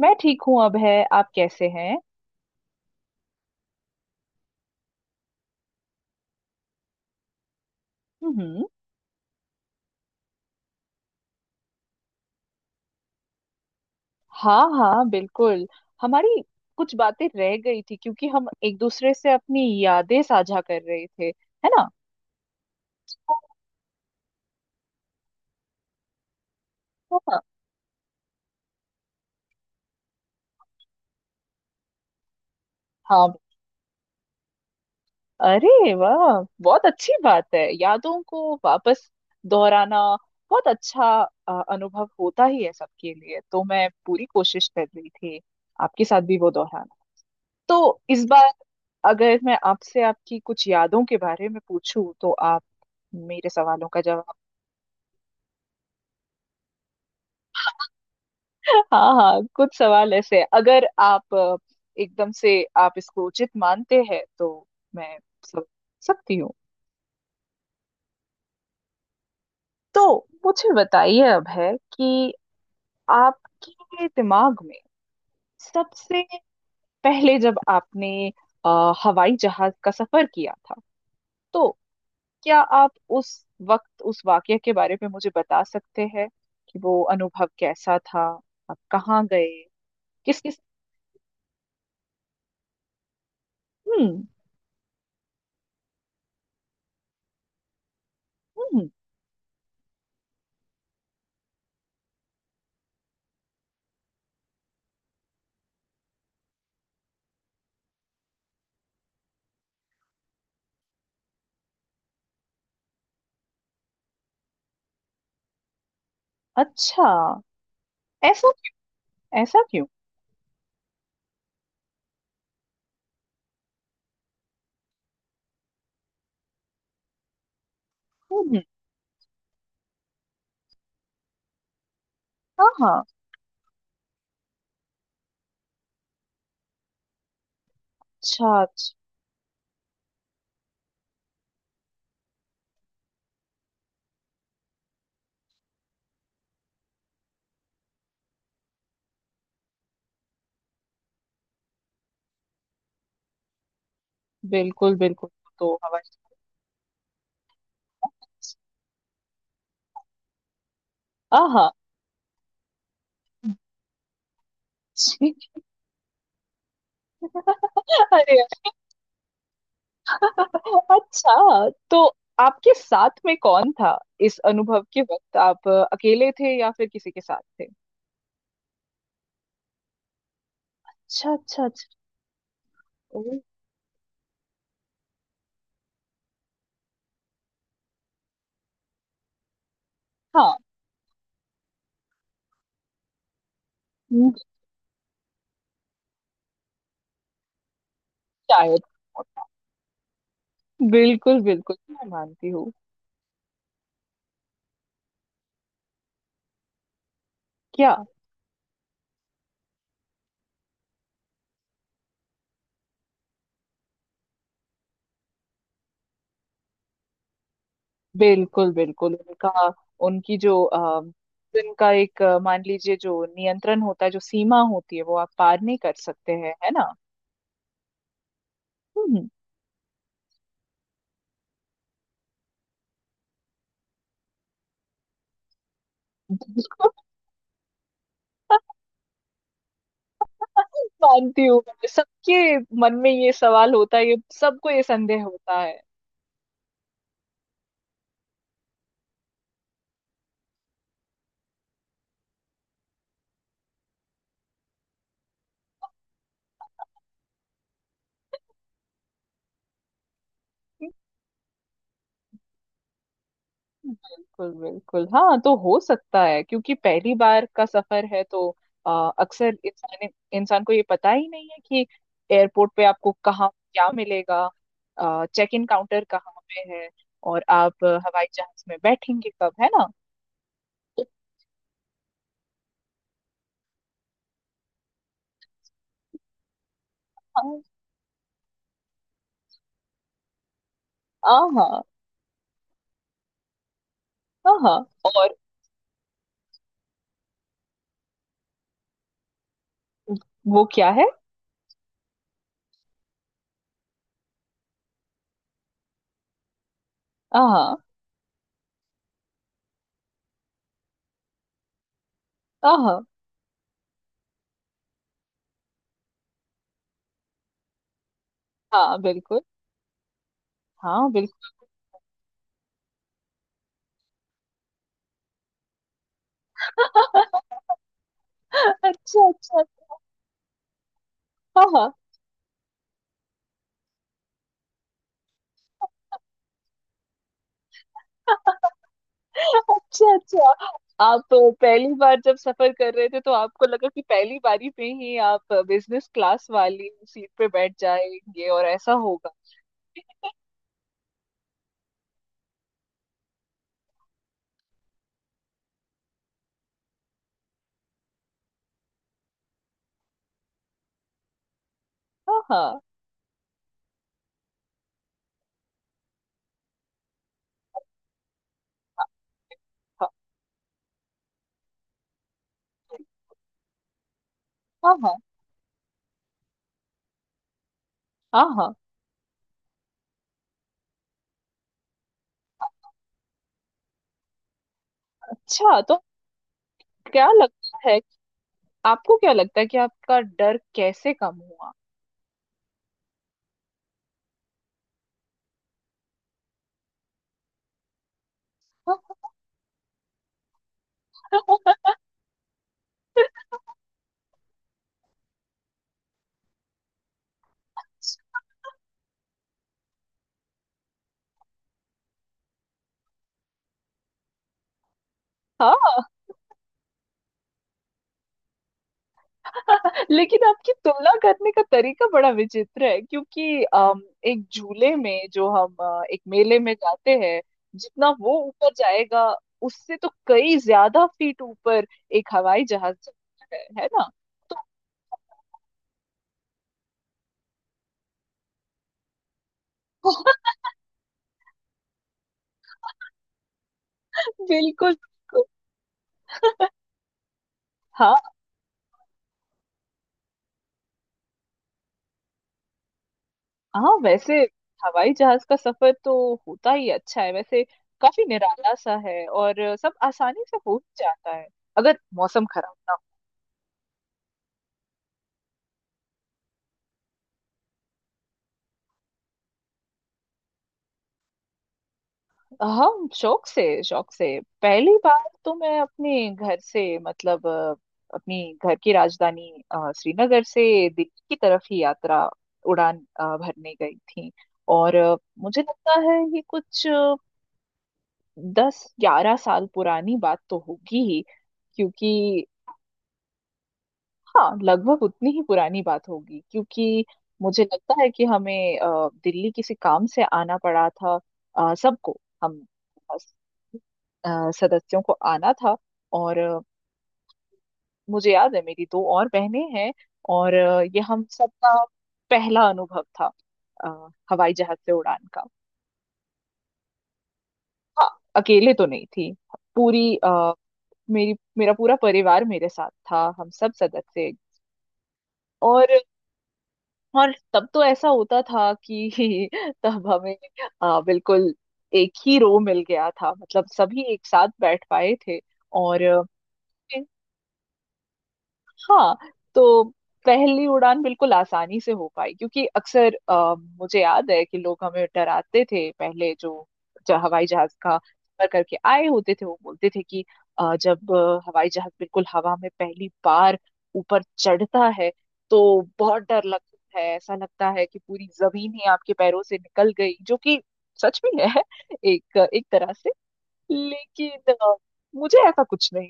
मैं ठीक हूँ। अब है, आप कैसे हैं? हम्म। हाँ हाँ, बिल्कुल। हमारी कुछ बातें रह गई थी, क्योंकि हम एक दूसरे से अपनी यादें साझा कर रहे थे, है ना? हाँ हाँ। अरे वाह, बहुत अच्छी बात है यादों को वापस दोहराना। बहुत अच्छा अनुभव होता ही है सबके लिए, तो मैं पूरी कोशिश कर रही थी आपके साथ भी वो दोहराना। तो इस बार अगर मैं आपसे आपकी कुछ यादों के बारे में पूछूं, तो आप मेरे सवालों का जवाब, हाँ हाँ, कुछ सवाल ऐसे हैं। अगर आप एकदम से आप इसको उचित मानते हैं, तो मैं सब सकती हूँ। तो मुझे बताइए अब है कि आपके दिमाग में सबसे पहले जब आपने हवाई जहाज का सफर किया था, तो क्या आप उस वक्त उस वाकये के बारे में मुझे बता सकते हैं कि वो अनुभव कैसा था? आप कहाँ गए, किस किस? हम्म हम्म। अच्छा, ऐसा क्यों, ऐसा क्यों? हम्म। हाँ हाँ। अच्छा अच्छा। बिल्कुल बिल्कुल। तो हवाई जहाज, आहा। जी। अरे अच्छा, तो आपके साथ में कौन था? इस अनुभव के वक्त आप अकेले थे या फिर किसी के साथ थे? अच्छा अच्छा अच्छा। ओ, हाँ। हम्म, शायद। बिल्कुल बिल्कुल, मैं मानती हूँ। क्या? बिल्कुल बिल्कुल, उनका, उनकी जो उनका एक, मान लीजिए जो नियंत्रण होता है, जो सीमा होती है, वो आप पार नहीं कर सकते हैं, है ना? हम्म, बिल्कुल। मानती हूँ मैं। सबके मन में ये सवाल होता है, ये सबको ये संदेह होता है। बिल्कुल बिल्कुल, हाँ, तो हो सकता है क्योंकि पहली बार का सफर है, तो अक्सर इंसान इंसान को ये पता ही नहीं है कि एयरपोर्ट पे आपको कहाँ क्या मिलेगा, चेक इन काउंटर कहाँ पे है, और आप हवाई जहाज में बैठेंगे कब, है ना? तो हाँ हाँ हाँ हाँ। और वो क्या है? हाँ हाँ हाँ हाँ, हाँ, बिल्कुल। हाँ बिल्कुल। अच्छा अच्छा। हाँ हाँ। अच्छा अच्छा, आप पहली बार जब सफर कर रहे थे, तो आपको लगा कि पहली बारी में ही आप बिजनेस क्लास वाली सीट पे बैठ जाएंगे और ऐसा होगा? हाँ हाँ हाँ हाँ हाँ हाँ हाँ। अच्छा, तो क्या लगता है आपको, क्या लगता है कि आपका डर कैसे कम हुआ? हाँ, लेकिन आपकी तुलना करने का तरीका बड़ा विचित्र है, क्योंकि एक झूले में जो हम एक मेले में जाते हैं, जितना वो ऊपर जाएगा, उससे तो कई ज्यादा फीट ऊपर एक हवाई जहाज जाता है ना? तो बिल्कुल बिल्कुल। हाँ हाँ, वैसे हवाई जहाज का सफर तो होता ही अच्छा है वैसे, काफी निराला सा है और सब आसानी से हो ही जाता है, अगर मौसम खराब ना हो। हाँ, शौक से, शौक से। पहली बार तो मैं अपने घर से, मतलब अपनी घर की राजधानी श्रीनगर से दिल्ली की तरफ ही यात्रा, उड़ान भरने गई थी। और मुझे लगता है ये कुछ 10-11 साल पुरानी बात तो होगी ही, क्योंकि, हाँ लगभग उतनी ही पुरानी बात होगी, क्योंकि मुझे लगता है कि हमें दिल्ली किसी काम से आना पड़ा था। सबको, हम बस, सदस्यों को आना था, और मुझे याद है मेरी दो और बहनें हैं, और ये हम सबका पहला अनुभव था हवाई जहाज से उड़ान का। हाँ, अकेले तो नहीं थी, पूरी मेरी मेरा पूरा परिवार मेरे साथ था, हम सब सदस्य। और और तब तो ऐसा होता था कि तब हमें बिल्कुल एक ही रो मिल गया था, मतलब सभी एक साथ बैठ पाए थे। और हाँ, तो पहली उड़ान बिल्कुल आसानी से हो पाई, क्योंकि अक्सर मुझे याद है कि लोग हमें डराते थे पहले, जो जो हवाई जहाज का सफर करके आए होते थे वो बोलते थे कि जब हवाई जहाज बिल्कुल हवा में पहली बार ऊपर चढ़ता है, तो बहुत डर लगता है, ऐसा लगता है कि पूरी जमीन ही आपके पैरों से निकल गई, जो कि सच भी है, एक एक तरह से। लेकिन मुझे ऐसा कुछ नहीं।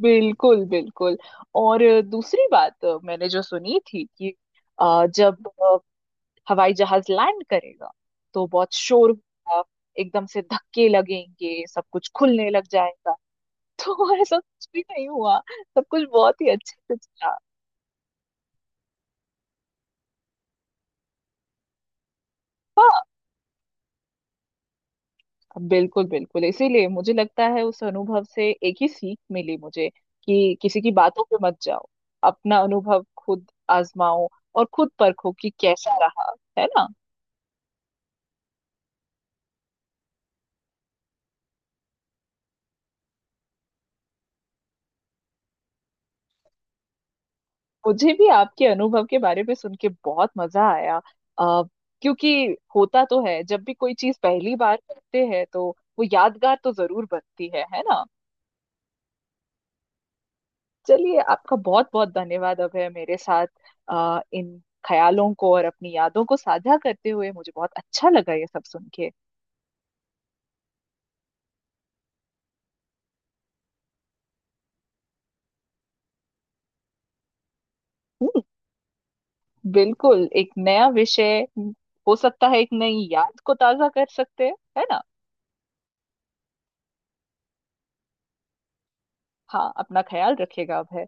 बिल्कुल बिल्कुल। और दूसरी बात मैंने जो सुनी थी कि जब हवाई जहाज लैंड करेगा, तो बहुत शोर होगा, एकदम से धक्के लगेंगे, सब कुछ खुलने लग जाएगा, तो ऐसा कुछ भी नहीं हुआ, सब कुछ बहुत ही अच्छे से चला। हाँ, बिल्कुल बिल्कुल, इसीलिए मुझे लगता है उस अनुभव से एक ही सीख मिली मुझे कि किसी की बातों पे मत जाओ, अपना अनुभव खुद आजमाओ, और खुद परखो कि कैसा रहा, है ना? मुझे भी आपके अनुभव के बारे में सुन के बहुत मजा आया, आ, क्योंकि होता तो है, जब भी कोई चीज पहली बार करते हैं, तो वो यादगार तो जरूर बनती है ना? चलिए, आपका बहुत बहुत धन्यवाद अभय, मेरे साथ इन ख्यालों को और अपनी यादों को साझा करते हुए मुझे बहुत अच्छा लगा ये सब सुन के। हम्म, बिल्कुल, एक नया विषय। हो सकता है एक नई याद को ताजा कर सकते हैं, है ना? हाँ, अपना ख्याल रखिएगा अभय।